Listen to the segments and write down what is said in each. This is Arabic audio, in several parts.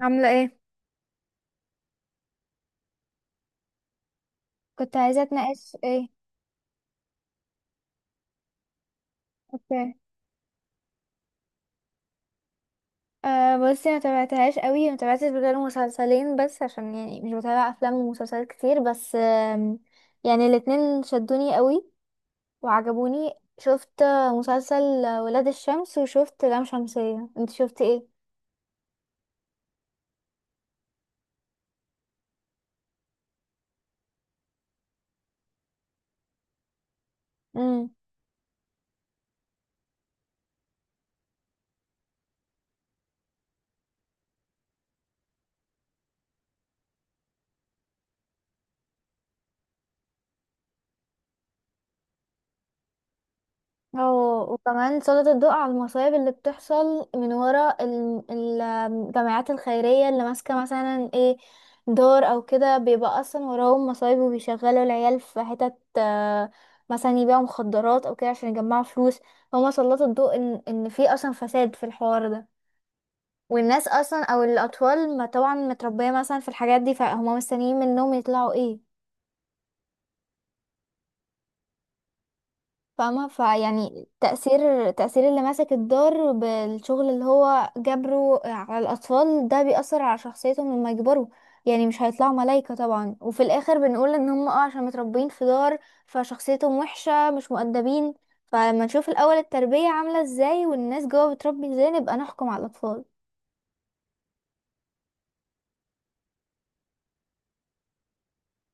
عاملة ايه؟ كنت عايزة اتناقش ايه. اوكي. آه بصي، ما تابعتهاش قوي، ما تابعتش غير مسلسلين بس عشان يعني مش بتابع افلام ومسلسلات كتير، بس يعني الاتنين شدوني قوي وعجبوني. شفت مسلسل ولاد الشمس وشفت لام شمسية، انت شفت ايه؟ اه، وكمان سلط الضوء على المصايب اللي بتحصل من ورا الجمعيات الخيرية اللي ماسكة مثلا ايه، دار او كده، بيبقى اصلا وراهم مصايب وبيشغلوا العيال في حتت مثلا يبيعوا مخدرات او كده عشان يجمعوا فلوس. هما سلطوا الضوء ان في اصلا فساد في الحوار ده، والناس اصلا او الاطفال ما طبعا متربية مثلا في الحاجات دي، فهم مستنيين منهم يطلعوا ايه؟ فاهمة؟ فيعني تأثير اللي ماسك الدار بالشغل اللي هو جبره على الأطفال، ده بيأثر على شخصيتهم لما يكبروا. يعني مش هيطلعوا ملايكة طبعا، وفي الآخر بنقول إن هم اه عشان متربيين في دار فشخصيتهم وحشة، مش مؤدبين. فلما نشوف الأول التربية عاملة ازاي والناس جوا بتربي ازاي، نبقى نحكم على الأطفال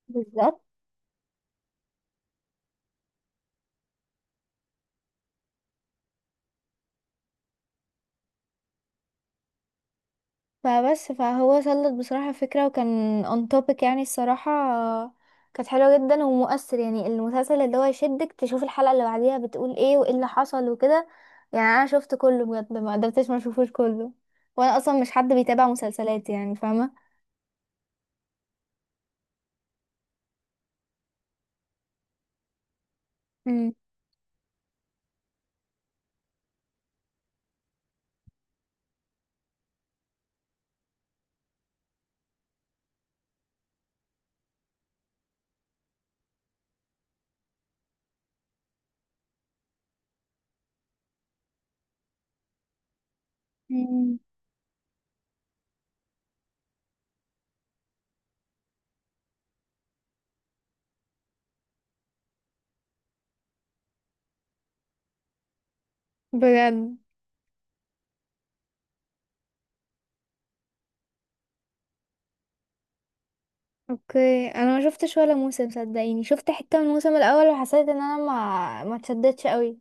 بالذات. فبس، فهو سلط بصراحة فكرة وكان on topic يعني، الصراحة كانت حلوة جدا ومؤثر، يعني المسلسل اللي هو يشدك تشوف الحلقة اللي بعديها بتقول ايه وايه اللي حصل وكده. يعني انا شفت كله بجد، ما قدرتش ما اشوفوش كله، وانا اصلا مش حد بيتابع مسلسلات يعني، فاهمة؟ مم. مم. بجد. اوكي، انا ما شفتش ولا موسم، صدقيني شفت حتة من الموسم الاول وحسيت ان انا ما اتشدتش قوي،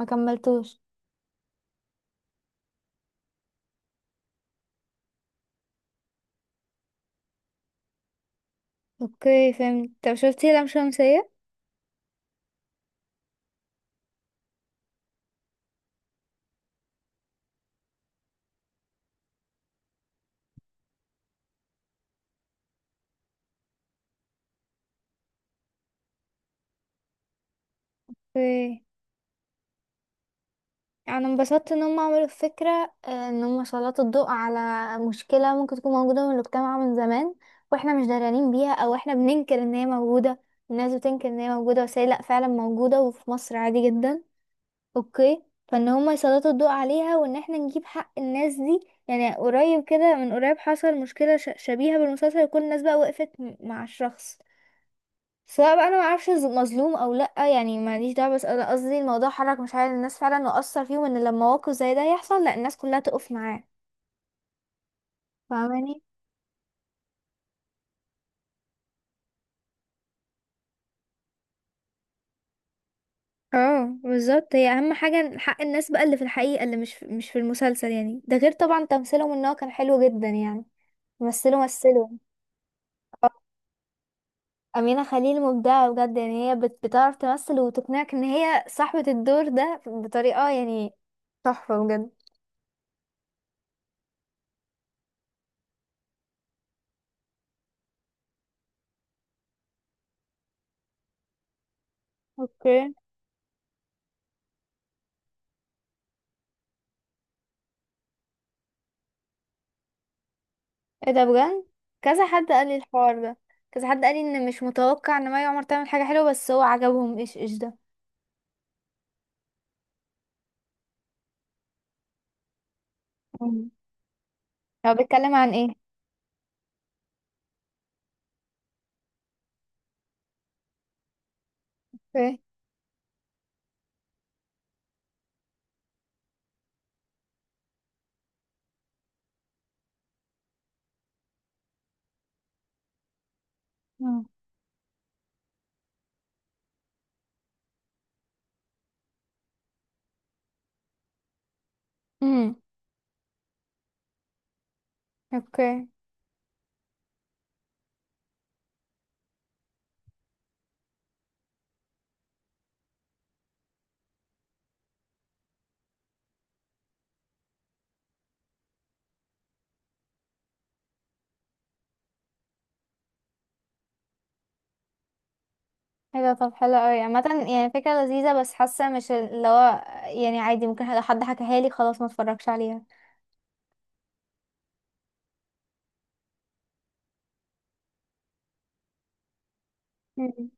ما كملتوش. اوكي فهمت. طب شفتي لام شمسية؟ اوكي، يعني انبسطت ان هم عملوا الفكرة، ان هم سلطوا الضوء على مشكلة ممكن تكون موجودة من المجتمع من زمان، واحنا مش درانين بيها او احنا بننكر ان هي موجودة. الناس بتنكر ان هي موجودة، بس هي لا، فعلا موجودة وفي مصر عادي جدا. اوكي. فان هم يسلطوا الضوء عليها وان احنا نجيب حق الناس دي. يعني قريب كده، من قريب حصل مشكلة شبيهة بالمسلسل وكل الناس بقى وقفت مع الشخص، سواء بقى انا ما اعرفش مظلوم او لا يعني، ماليش دعوه، بس انا قصدي الموضوع حرك مشاعر الناس فعلا واثر فيهم ان لما موقف زي ده يحصل لا الناس كلها تقف معاه. فاهماني؟ اه بالظبط، هي اهم حاجة حق الناس بقى اللي في الحقيقة اللي مش في المسلسل يعني، ده غير طبعا تمثيلهم ان هو كان حلو جدا يعني. مثلوا. امينه خليل مبدعه بجد يعني، هي بتعرف تمثل وتقنعك ان هي صاحبه الدور ده بطريقه يعني، تحفه بجد. اوكي. ايه ده بجد؟ كذا حد قال لي الحوار ده. كذا حد قال لي ان مش متوقع ان مي عمر تعمل حاجه حلوه، بس هو عجبهم. ايش ده؟ مم. هو بيتكلم عن ايه؟ اوكي. مم. امم. اوكي. ايه ده؟ طب حلو قوي عامه، يعني فكره لذيذه، بس حاسه مش اللي هو، يعني عادي ممكن لو حد حكاها لي خلاص ما اتفرجش عليها. مم.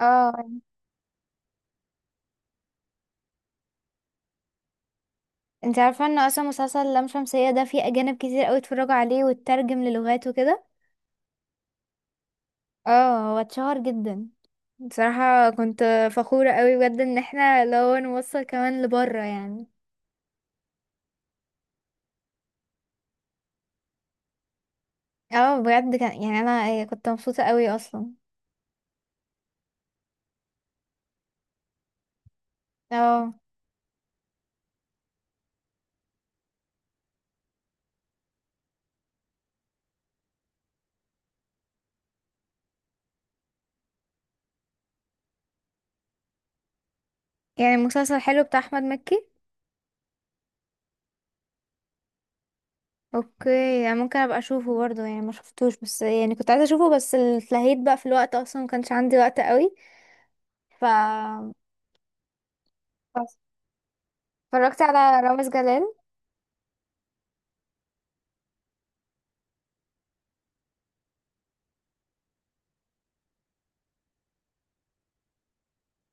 اه، انت عارفه ان اصلا مسلسل لام شمسيه ده فيه اجانب كتير قوي اتفرجوا عليه واترجم للغات وكده؟ اه هو اتشهر جدا، بصراحة كنت فخورة قوي بجد ان احنا لو نوصل كمان لبره يعني. اه بجد، كان يعني انا كنت مبسوطة قوي اصلا. اه. يعني المسلسل حلو بتاع احمد مكي؟ اوكي، يعني ممكن ابقى اشوفه برضه يعني، ما شفتوش بس يعني كنت عايزة اشوفه، بس اتلهيت بقى، في الوقت اصلا ما كانش عندي وقت قوي. ف بس اتفرجت على رامز جلال.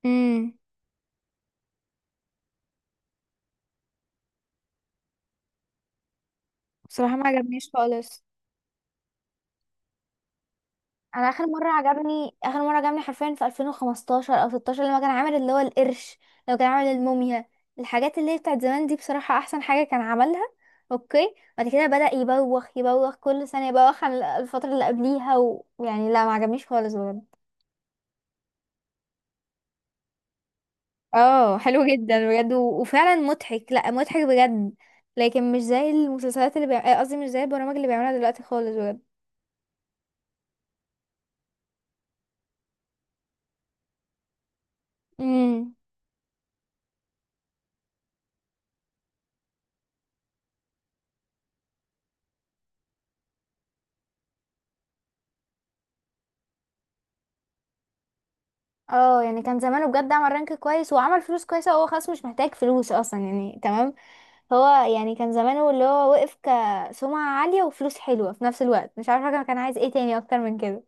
امم. بصراحة ما عجبنيش خالص. انا اخر مره عجبني، اخر مره عجبني حرفيا في 2015 او 16، لما كان عامل اللي هو القرش، لو كان عامل الموميا، الحاجات اللي هي بتاعت زمان دي، بصراحه احسن حاجه كان عملها. اوكي بعد كده بدأ يبوخ، يبوخ كل سنه يبوخ عن الفتره اللي قبليها، ويعني لا، ما عجبنيش خالص بجد. اه حلو جدا بجد، و... وفعلا مضحك، لا مضحك بجد. لكن مش زي المسلسلات اللي بيع، قصدي مش زي البرامج اللي بيعملها دلوقتي خالص بجد. امم. اه يعني كان زمانه بجد، عمل رانك كويس وعمل فلوس كويسة، وهو خلاص مش محتاج فلوس اصلا يعني، تمام. هو يعني كان زمانه اللي هو وقف كسمعة عالية وفلوس حلوة في نفس الوقت، مش عارفة كان عايز ايه تاني اكتر من كده.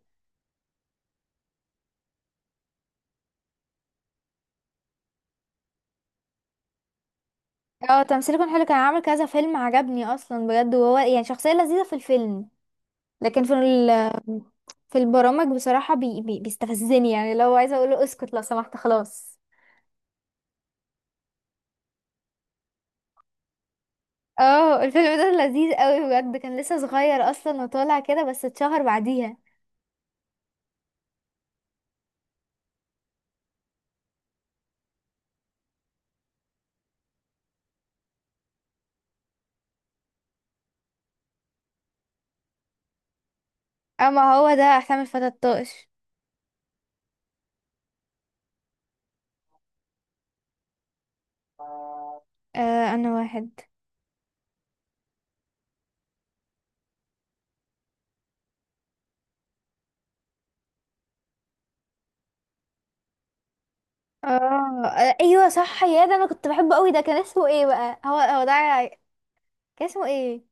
اه تمثيله كان حلو، كان عامل كذا فيلم عجبني اصلا بجد، وهو يعني شخصية لذيذة في الفيلم. لكن في ال، في البرامج بصراحة بي بي بيستفزني يعني لو عايزة اقوله اسكت لو سمحت خلاص. اه الفيلم ده لذيذ قوي بجد، كان لسه صغير اصلا وطالع كده بس اتشهر بعديها. اما هو ده احسام الفتى الطائش. آه انا واحد. اه ايوه صح، يا ده انا كنت بحبه قوي، ده كان اسمه ايه بقى؟ هو هو ده، كان اسمه ايه؟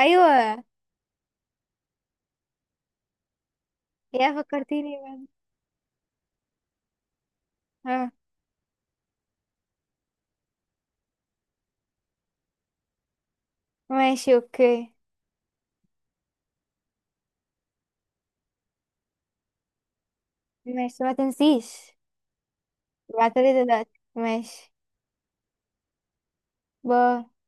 ايوه. يا فكرتيني بقى. اه. ماشي اوكي. ماشي ما تنسيش. ابعتلي دلوقتي ماشي. باي.